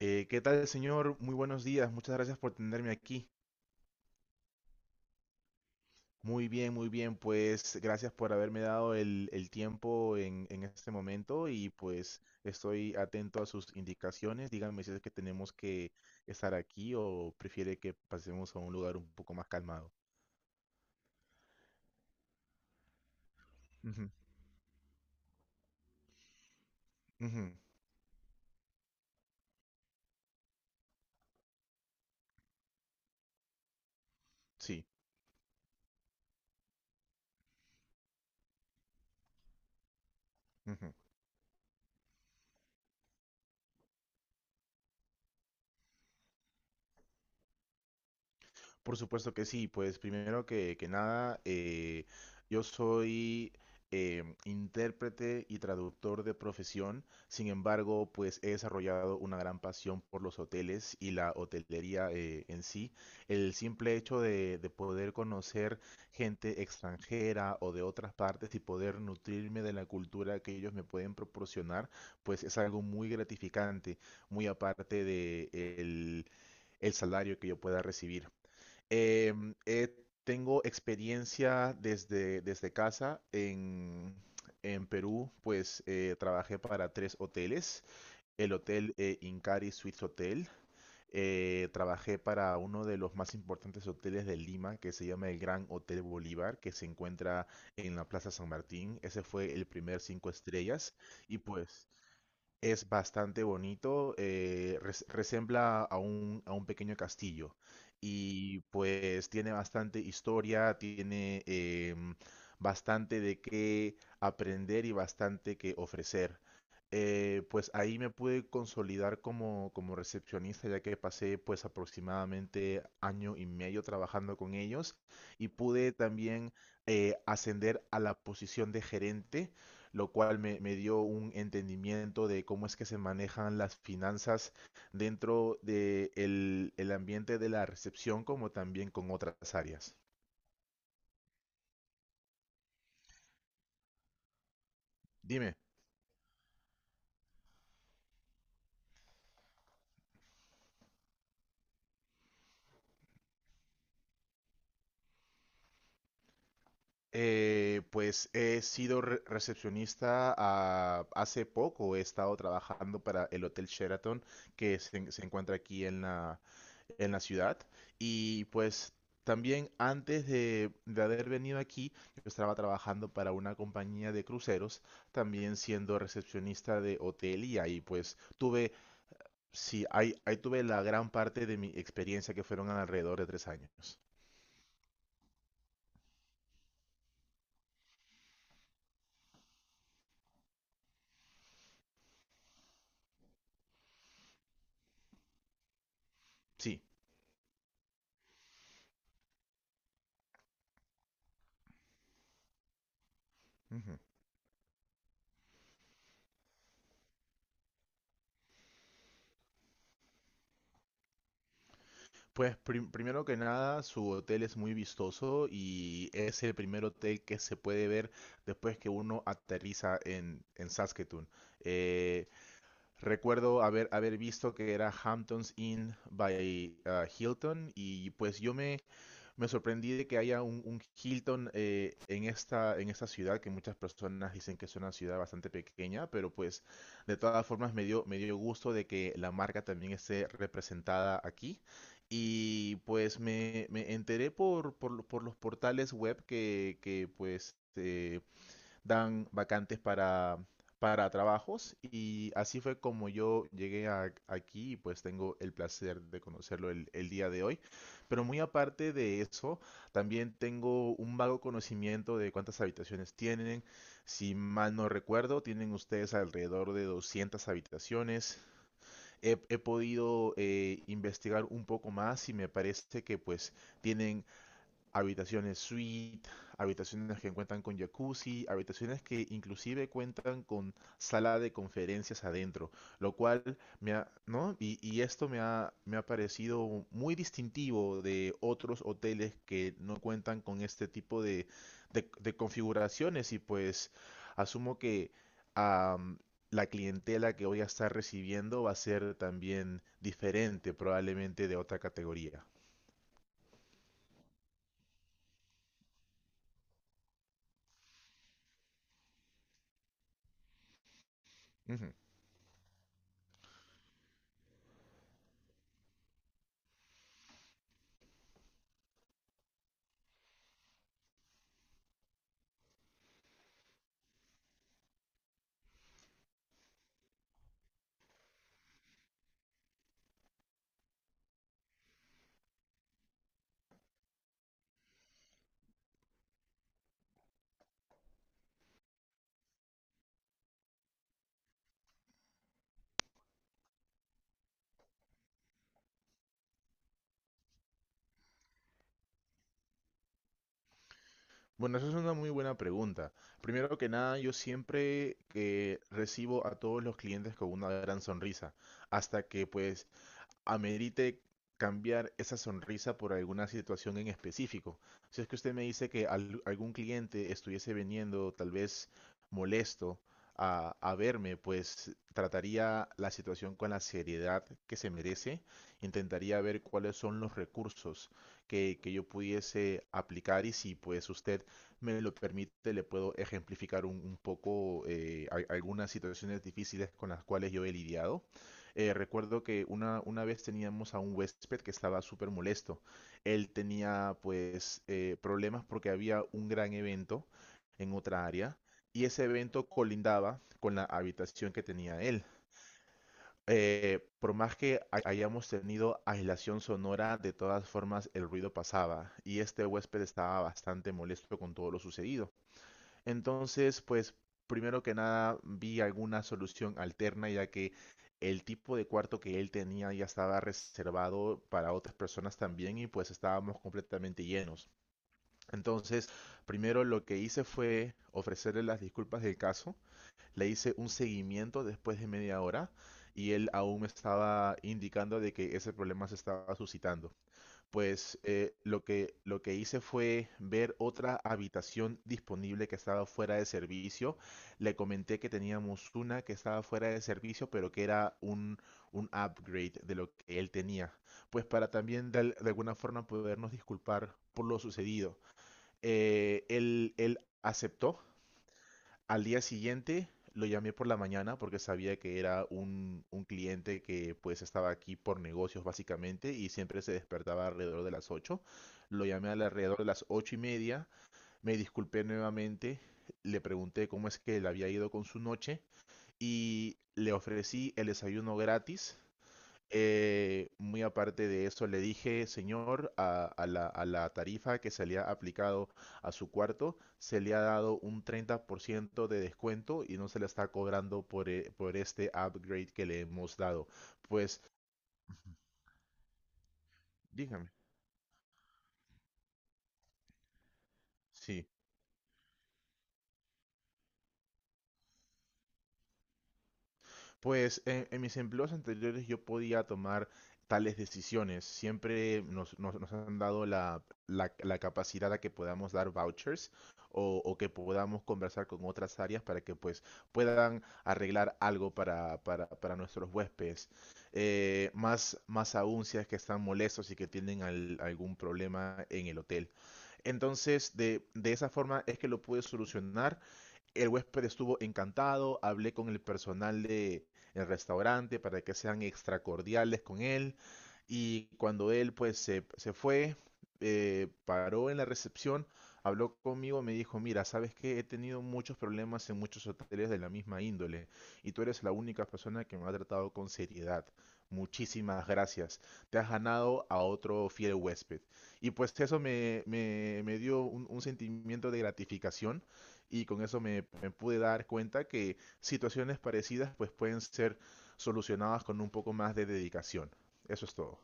¿Qué tal, señor? Muy buenos días. Muchas gracias por tenerme aquí. Muy bien, muy bien. Pues gracias por haberme dado el tiempo en este momento y pues estoy atento a sus indicaciones. Díganme si es que tenemos que estar aquí o prefiere que pasemos a un lugar un poco más calmado. Ujú, ujú, sí. Por supuesto que sí, pues primero que nada, yo soy intérprete y traductor de profesión, sin embargo, pues he desarrollado una gran pasión por los hoteles y la hotelería en sí. El simple hecho de poder conocer gente extranjera o de otras partes y poder nutrirme de la cultura que ellos me pueden proporcionar, pues es algo muy gratificante, muy aparte de el salario que yo pueda recibir. Em, eh, Tengo experiencia desde casa en Perú, pues trabajé para tres hoteles, el hotel Incari Suites Hotel, trabajé para uno de los más importantes hoteles de Lima, que se llama el Gran Hotel Bolívar, que se encuentra en la Plaza San Martín. Ese fue el primer cinco estrellas, y pues es bastante bonito. Resembla a a un pequeño castillo y pues tiene bastante historia. Tiene em, bastante de qué aprender y bastante que ofrecer. Pues ahí me pude consolidar como recepcionista ya que pasé pues aproximadamente año y medio trabajando con ellos y pude también ascender a la posición de gerente, lo cual dio un entendimiento de cómo es que se manejan las finanzas dentro de el ambiente de la recepción como también con otras áreas. Dime. Pues he sido re recepcionista hace poco. He estado trabajando para el Hotel Sheraton se encuentra aquí en la ciudad. Y pues también antes de haber venido aquí, yo estaba trabajando para una compañía de cruceros, también siendo recepcionista de hotel y ahí pues tuve, sí, ahí tuve la gran parte de mi experiencia que fueron alrededor de 3 años. Sí. Ujú. Primero que nada, su hotel es muy vistoso y es el primer hotel que se puede ver después que uno aterriza en Saskatoon. Eh, Recuerdo haber visto que era Hamptons Inn by Hilton y pues yo me sorprendí de que haya un Hilton en en esta ciudad que muchas personas dicen que es una ciudad bastante pequeña, pero pues de todas formas me dio gusto de que la marca también esté representada aquí. Y pues me enteré por los portales web que pues dan vacantes para trabajos y así fue como yo llegué aquí y pues tengo el placer de conocerlo el día de hoy. Pero muy aparte de eso, también tengo un vago conocimiento de cuántas habitaciones tienen. Si mal no recuerdo, tienen ustedes alrededor de 200 habitaciones. He podido investigar un poco más y me parece que pues tienen habitaciones suite, habitaciones que cuentan con jacuzzi, habitaciones que inclusive cuentan con sala de conferencias adentro, lo cual me ha, ¿no? Y esto me ha parecido muy distintivo de otros hoteles que no cuentan con este tipo de configuraciones y pues asumo que am, la clientela que voy a estar recibiendo va a ser también diferente probablemente de otra categoría. Ujú. Bueno, eso es una muy buena pregunta. Primero que nada, yo siempre recibo a todos los clientes con una gran sonrisa, hasta que pues amerite cambiar esa sonrisa por alguna situación en específico. Si es que usted me dice que algún cliente estuviese viniendo tal vez molesto a verme, pues trataría la situación con la seriedad que se merece. Intentaría ver cuáles son los recursos que yo pudiese aplicar y si pues usted me lo permite, le puedo ejemplificar un poco algunas situaciones difíciles con las cuales yo he lidiado. Recuerdo que una vez teníamos a un huésped que estaba súper molesto. Él tenía pues problemas porque había un gran evento en otra área y ese evento colindaba con la habitación que tenía él. Por más que hayamos tenido aislación sonora, de todas formas el ruido pasaba y este huésped estaba bastante molesto con todo lo sucedido. Entonces, pues primero que nada vi alguna solución alterna, ya que el tipo de cuarto que él tenía ya estaba reservado para otras personas también y pues estábamos completamente llenos. Entonces, primero lo que hice fue ofrecerle las disculpas del caso, le hice un seguimiento después de media hora y él aún me estaba indicando de que ese problema se estaba suscitando. Pues lo lo que hice fue ver otra habitación disponible que estaba fuera de servicio. Le comenté que teníamos una que estaba fuera de servicio, pero que era un upgrade de lo que él tenía. Pues para también de alguna forma podernos disculpar por lo sucedido. Él aceptó. Al día siguiente lo llamé por la mañana porque sabía que era un cliente que pues estaba aquí por negocios básicamente y siempre se despertaba alrededor de las 8. Lo llamé al alrededor de las 8:30, me disculpé nuevamente, le pregunté cómo es que le había ido con su noche y le ofrecí el desayuno gratis. Muy aparte de eso, le dije, señor, a la tarifa que se le ha aplicado a su cuarto, se le ha dado un 30% de descuento y no se le está cobrando por este upgrade que le hemos dado. Pues, dígame, sí. Pues en mis empleos anteriores yo podía tomar tales decisiones. Siempre nos han dado la capacidad a que podamos dar vouchers o que podamos conversar con otras áreas para que pues puedan arreglar algo para nuestros huéspedes. Más más aún si es que están molestos y que tienen algún problema en el hotel. Entonces, de esa forma es que lo pude solucionar. El huésped estuvo encantado, hablé con el personal de el restaurante para que sean extra cordiales con él y cuando él pues se fue, paró en la recepción, habló conmigo, me dijo, mira, sabes que he tenido muchos problemas en muchos hoteles de la misma índole y tú eres la única persona que me ha tratado con seriedad. Muchísimas gracias. Te has ganado a otro fiel huésped. Y pues eso me dio un sentimiento de gratificación y con eso me pude dar cuenta que situaciones parecidas pues pueden ser solucionadas con un poco más de dedicación. Eso es todo.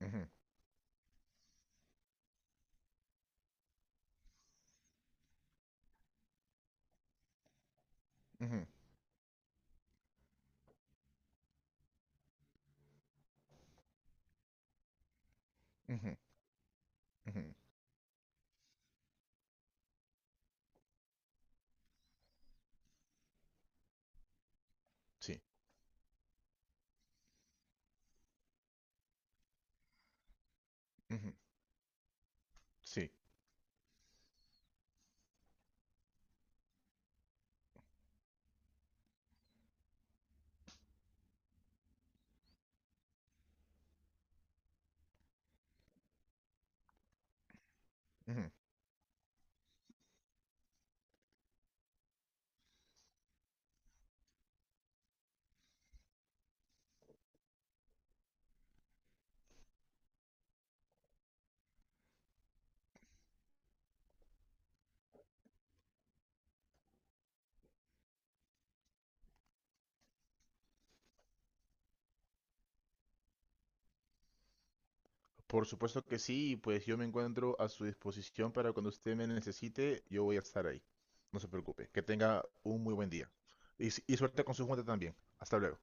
Ujú, ujú, ujú, ujú. Sí, ujú, sí. Ujú. Por supuesto que sí, y pues yo me encuentro a su disposición para cuando usted me necesite, yo voy a estar ahí. No se preocupe. Que tenga un muy buen día. Y suerte con su junta también. Hasta luego.